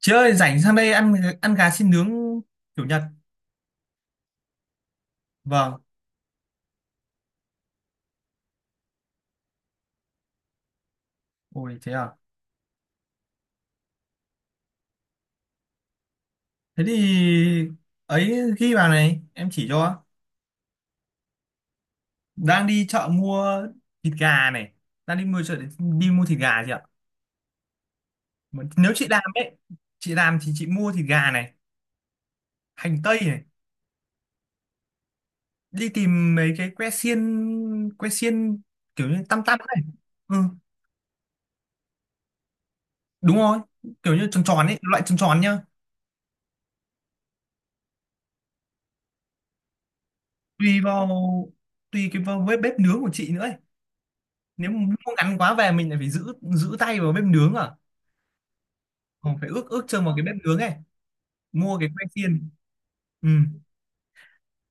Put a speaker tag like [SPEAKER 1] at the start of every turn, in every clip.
[SPEAKER 1] Chị ơi, rảnh sang đây ăn ăn gà xiên nướng kiểu Nhật. Vâng. Ôi thế à. Thế thì ấy ghi vào này, em chỉ cho. Đang đi chợ mua thịt gà này. Đang đi mua chợ để đi mua thịt gà chị ạ. Mà nếu chị làm ấy, chị làm thì chị mua thịt gà này, hành tây này, đi tìm mấy cái que xiên kiểu như tăm tăm này. Ừ, đúng rồi, kiểu như tròn tròn ấy, loại tròn tròn nhá. Tùy vào tùy vào bếp bếp nướng của chị nữa, nếu mà mua ngắn quá về mình lại phải giữ giữ tay vào bếp nướng à, còn phải ước ước chừng vào cái bếp nướng ấy mua cái que xiên. Ừ,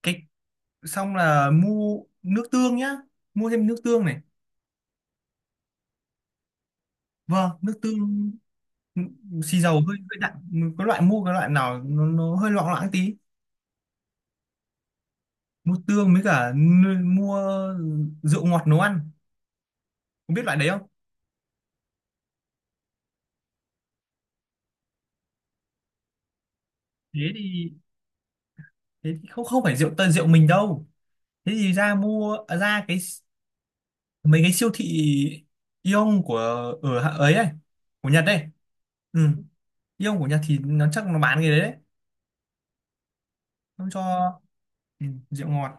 [SPEAKER 1] cái xong là mua nước tương nhá, mua thêm nước tương này, vâng, nước tương. Ừ, xì dầu hơi hơi đặn. Có loại mua cái loại nào nó hơi loãng loãng tí. Mua tương với cả mua rượu ngọt nấu ăn, không biết loại đấy không. Thế thì thế thì không không phải rượu tây rượu mình đâu. Thế thì ra cái mấy cái siêu thị Aeon của ở hạ- ấy ấy của Nhật đây. Ừ. Aeon của Nhật thì nó chắc nó bán cái đấy đấy. Nó cho ừ, rượu ngọt,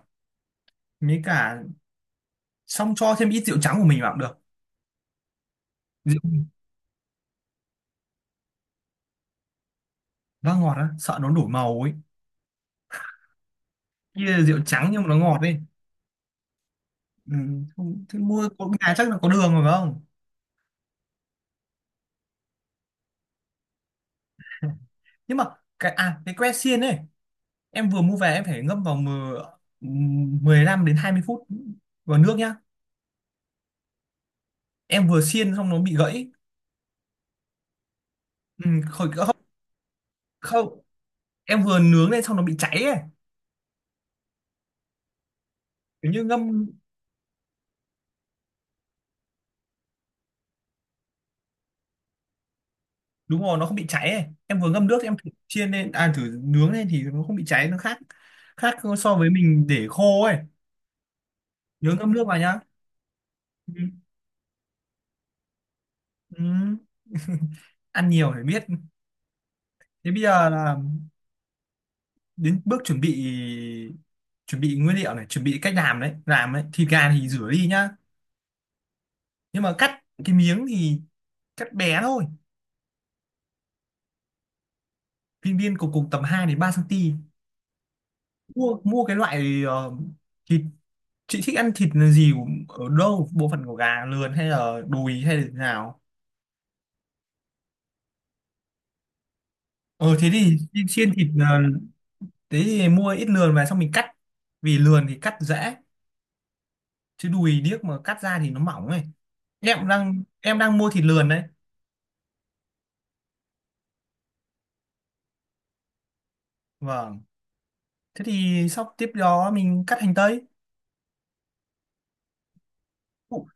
[SPEAKER 1] mấy cả xong cho thêm ít rượu trắng của mình vào cũng được. Rượu vang ngọt á sợ nó đổi màu ấy. Kia là rượu trắng nhưng mà nó ngọt ấy. Ừ. Thế mua có nhà chắc là có đường rồi phải không. Nhưng mà cái que xiên ấy em vừa mua về em phải ngâm vào ừ, 15 đến 20 phút vào nước nhá. Em vừa xiên xong nó bị gãy. Ừ, khỏi không. Không, em vừa nướng lên xong nó bị cháy ấy, kiểu như ngâm. Đúng rồi, nó không bị cháy ấy, em vừa ngâm nước em thử chiên lên, à thử nướng lên thì nó không bị cháy, nó khác, khác so với mình để khô ấy. Nhớ ngâm nước vào nhá. Ừ. Ừ. Ăn nhiều để biết. Thế bây giờ là đến bước chuẩn bị, chuẩn bị nguyên liệu này, chuẩn bị cách làm đấy. Thịt gà thì rửa đi nhá, nhưng mà cắt cái miếng thì cắt bé thôi, viên viên cục cục tầm hai đến 3 cm. Mua mua cái loại thịt, chị thích ăn thịt là gì, ở đâu bộ phận của gà, lườn hay là đùi hay là thế nào. Ờ thế thì xiên xiên thịt thế thì mua ít lườn về xong mình cắt, vì lườn thì cắt dễ chứ đùi điếc mà cắt ra thì nó mỏng ấy. Em cũng đang mua thịt lườn đấy. Vâng, thế thì sau tiếp đó mình cắt hành tây. Ụ,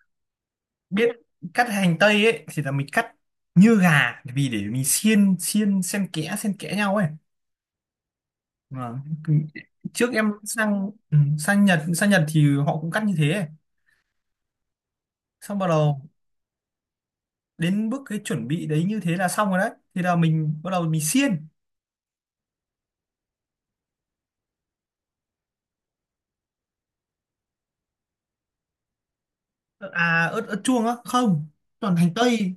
[SPEAKER 1] biết, cắt hành tây ấy thì là mình cắt như gà vì để mình xiên xiên xen kẽ nhau ấy. Vâng. Trước em sang Nhật thì họ cũng cắt như thế. Xong bắt đầu đến bước cái chuẩn bị đấy, như thế là xong rồi đấy, thì là mình bắt đầu mình xiên. À, ớt ớt chuông á, không, toàn hành tây,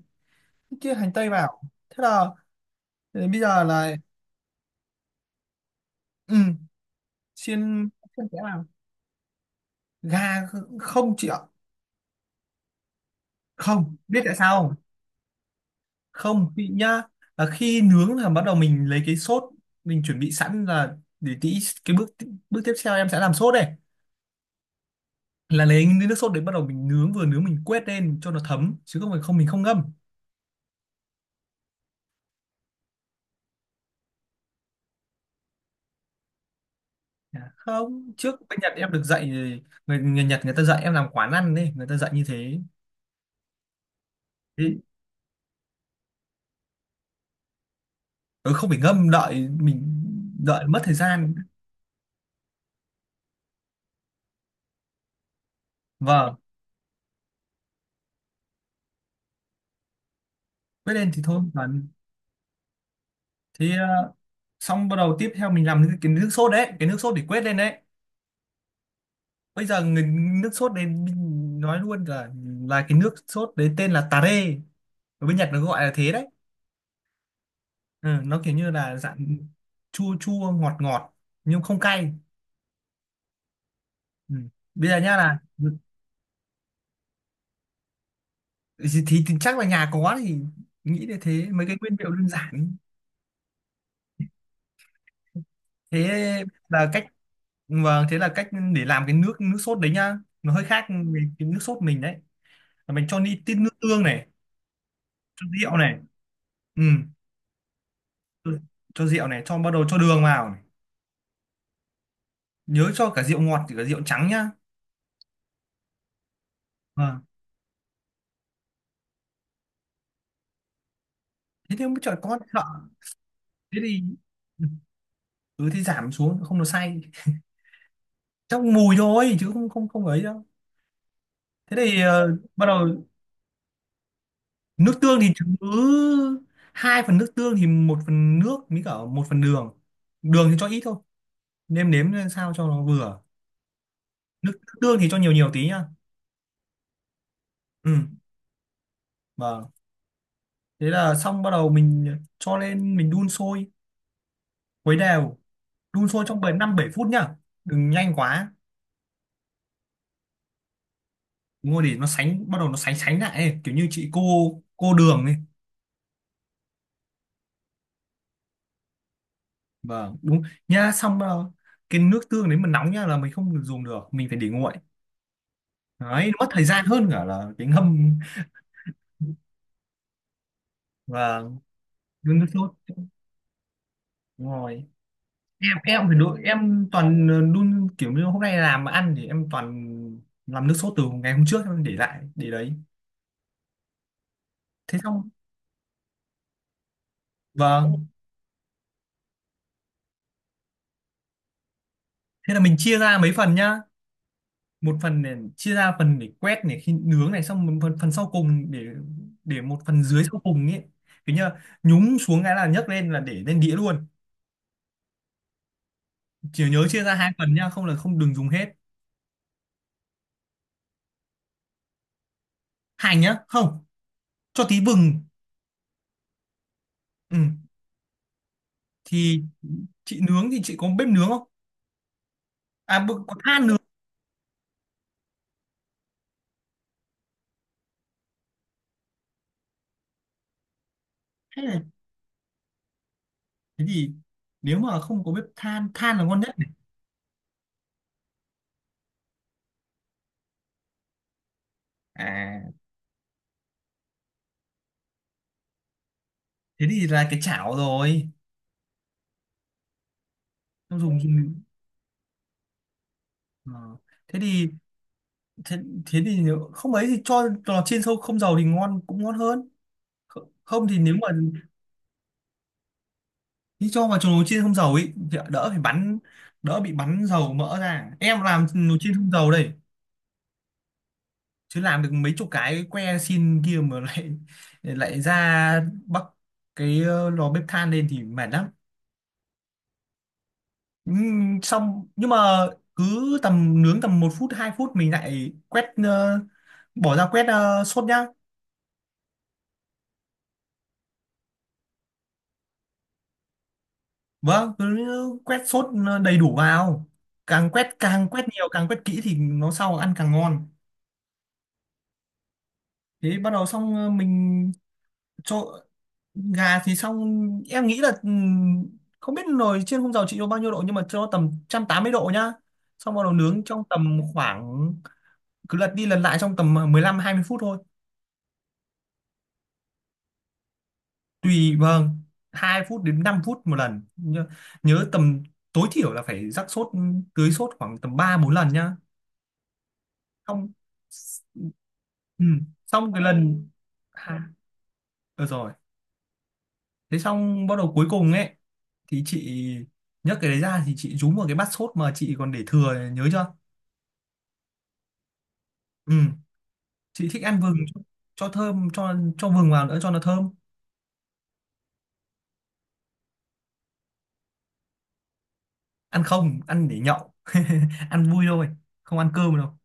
[SPEAKER 1] kia hành tây vào. Thế là thế bây giờ là ừ, xiên xiên cái nào, gà, không chị ạ, không biết tại sao không. Không, chị nhá, là khi nướng là bắt đầu mình lấy cái sốt, mình chuẩn bị sẵn là để tí, cái bước bước tiếp theo em sẽ làm sốt đây, là lấy nước sốt đấy bắt đầu mình nướng, vừa nướng mình quét lên cho nó thấm chứ không phải không, mình không ngâm. Dạ, không, trước bên Nhật em được dạy, người Nhật người ta dạy em làm quán ăn đấy, người ta dạy như thế. Thế- ừ, không phải ngâm đợi, mình đợi mất thời gian. Vâng, quét lên thì thôi mà. Thế xong bắt đầu tiếp theo mình làm cái nước sốt đấy, cái nước sốt để quét lên đấy. Bây giờ nước sốt đấy mình nói luôn là cái nước sốt đấy tên là tare, ở bên Nhật nó gọi là thế đấy. Ừ, nó kiểu như là dạng chua chua ngọt ngọt nhưng không cay. Ừ. Bây giờ nhá, là thì chắc là nhà có thì nghĩ là thế, mấy cái nguyên liệu đơn giản. Thế là cách vâng thế là cách để làm cái nước nước sốt đấy nhá, nó hơi khác về cái nước sốt mình đấy. Là mình cho đi tí nước tương này, cho rượu này. Ừ. cho cho rượu này, bắt đầu cho đường vào này. Nhớ cho cả rượu ngọt thì cả rượu trắng nhá. Vâng. Thế thì mới trời con sợ. Thế thì ừ, thế giảm xuống không nó say, chắc mùi thôi chứ không không không ấy đâu. Thế thì bắt đầu nước tương thì cứ hai phần nước tương thì một phần nước với cả một phần đường, đường thì cho ít thôi, nêm nếm lên sao cho nó vừa. Nước tương thì cho nhiều nhiều tí nhá. Ừ. Vâng, thế là xong bắt đầu mình cho lên mình đun sôi, khuấy đều, đun sôi trong bảy năm bảy phút nhá, đừng nhanh quá. Đúng rồi, để nó sánh bắt đầu nó sánh sánh lại ấy, kiểu như chị cô đường ấy. Vâng, đúng nha. Xong cái nước tương đấy mà nóng nha là mình không được dùng được, mình phải để nguội, đấy mất thời gian hơn cả là cái ngâm và đun nước sốt. Đúng rồi, em phải đun, em toàn đun, kiểu như hôm nay làm mà ăn thì em toàn làm nước sốt từ ngày hôm trước em để lại để đấy. Thế xong. Vâng, thế là mình chia ra mấy phần nhá, một phần để chia ra phần để quét này khi nướng này, xong một phần phần sau cùng để một phần dưới sau cùng ấy, kiểu như là nhúng xuống cái là nhấc lên là để lên đĩa luôn. Chỉ nhớ chia ra hai phần nhá, không là không đừng dùng hết. Hành nhá, không, cho tí vừng. Ừ. Thì chị nướng thì chị có bếp nướng không, à có than nướng, hay là thế thì nếu mà không có bếp than, than là ngon nhất này. À thế thì là cái chảo rồi. Không dùng dùng. Ờ. thế thì thế, thế thì nếu không ấy thì cho lò chiên sâu không dầu thì ngon cũng ngon hơn. Không không thì nếu mà thì cho vào lò chiên không dầu ấy thì đỡ phải bắn, đỡ bị bắn dầu mỡ ra, em làm nồi chiên không dầu đây, chứ làm được mấy chục cái que xin kia mà lại lại ra bắc cái lò bếp than lên thì mệt lắm. Xong nhưng mà cứ tầm nướng tầm một phút 2 phút mình lại quét bỏ ra quét sốt nhá. Vâng, cứ quét sốt đầy đủ vào, càng quét nhiều càng quét kỹ thì nó sau ăn càng ngon. Thế bắt đầu xong mình cho gà thì xong, em nghĩ là không biết nồi chiên không dầu chị cho bao nhiêu độ nhưng mà cho tầm 180 độ nhá. Xong bắt đầu nướng trong tầm khoảng, cứ lật đi lật lại trong tầm 15 20 phút thôi. Tùy, vâng, 2 phút đến 5 phút một lần, nhớ tầm tối thiểu là phải rắc sốt, tưới sốt khoảng tầm 3 4 lần nhá. Xong ừm, xong cái lần, à, được rồi. Thế xong bắt đầu cuối cùng ấy thì chị nhấc cái đấy ra thì chị rúm vào cái bát sốt mà chị còn để thừa, nhớ chưa. Ừ, chị thích ăn vừng cho thơm, cho vừng vào nữa cho nó thơm. Ăn không, ăn để nhậu ăn vui thôi, không ăn cơm đâu.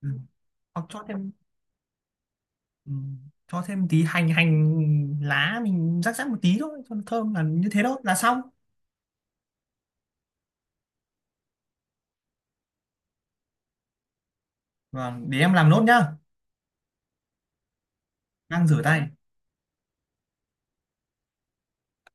[SPEAKER 1] Ừ. Hoặc cho thêm ừ. cho thêm tí hành hành lá mình rắc rắc một tí thôi cho nó thơm là như thế, đó là xong. Và để em làm nốt nhá, đang rửa tay.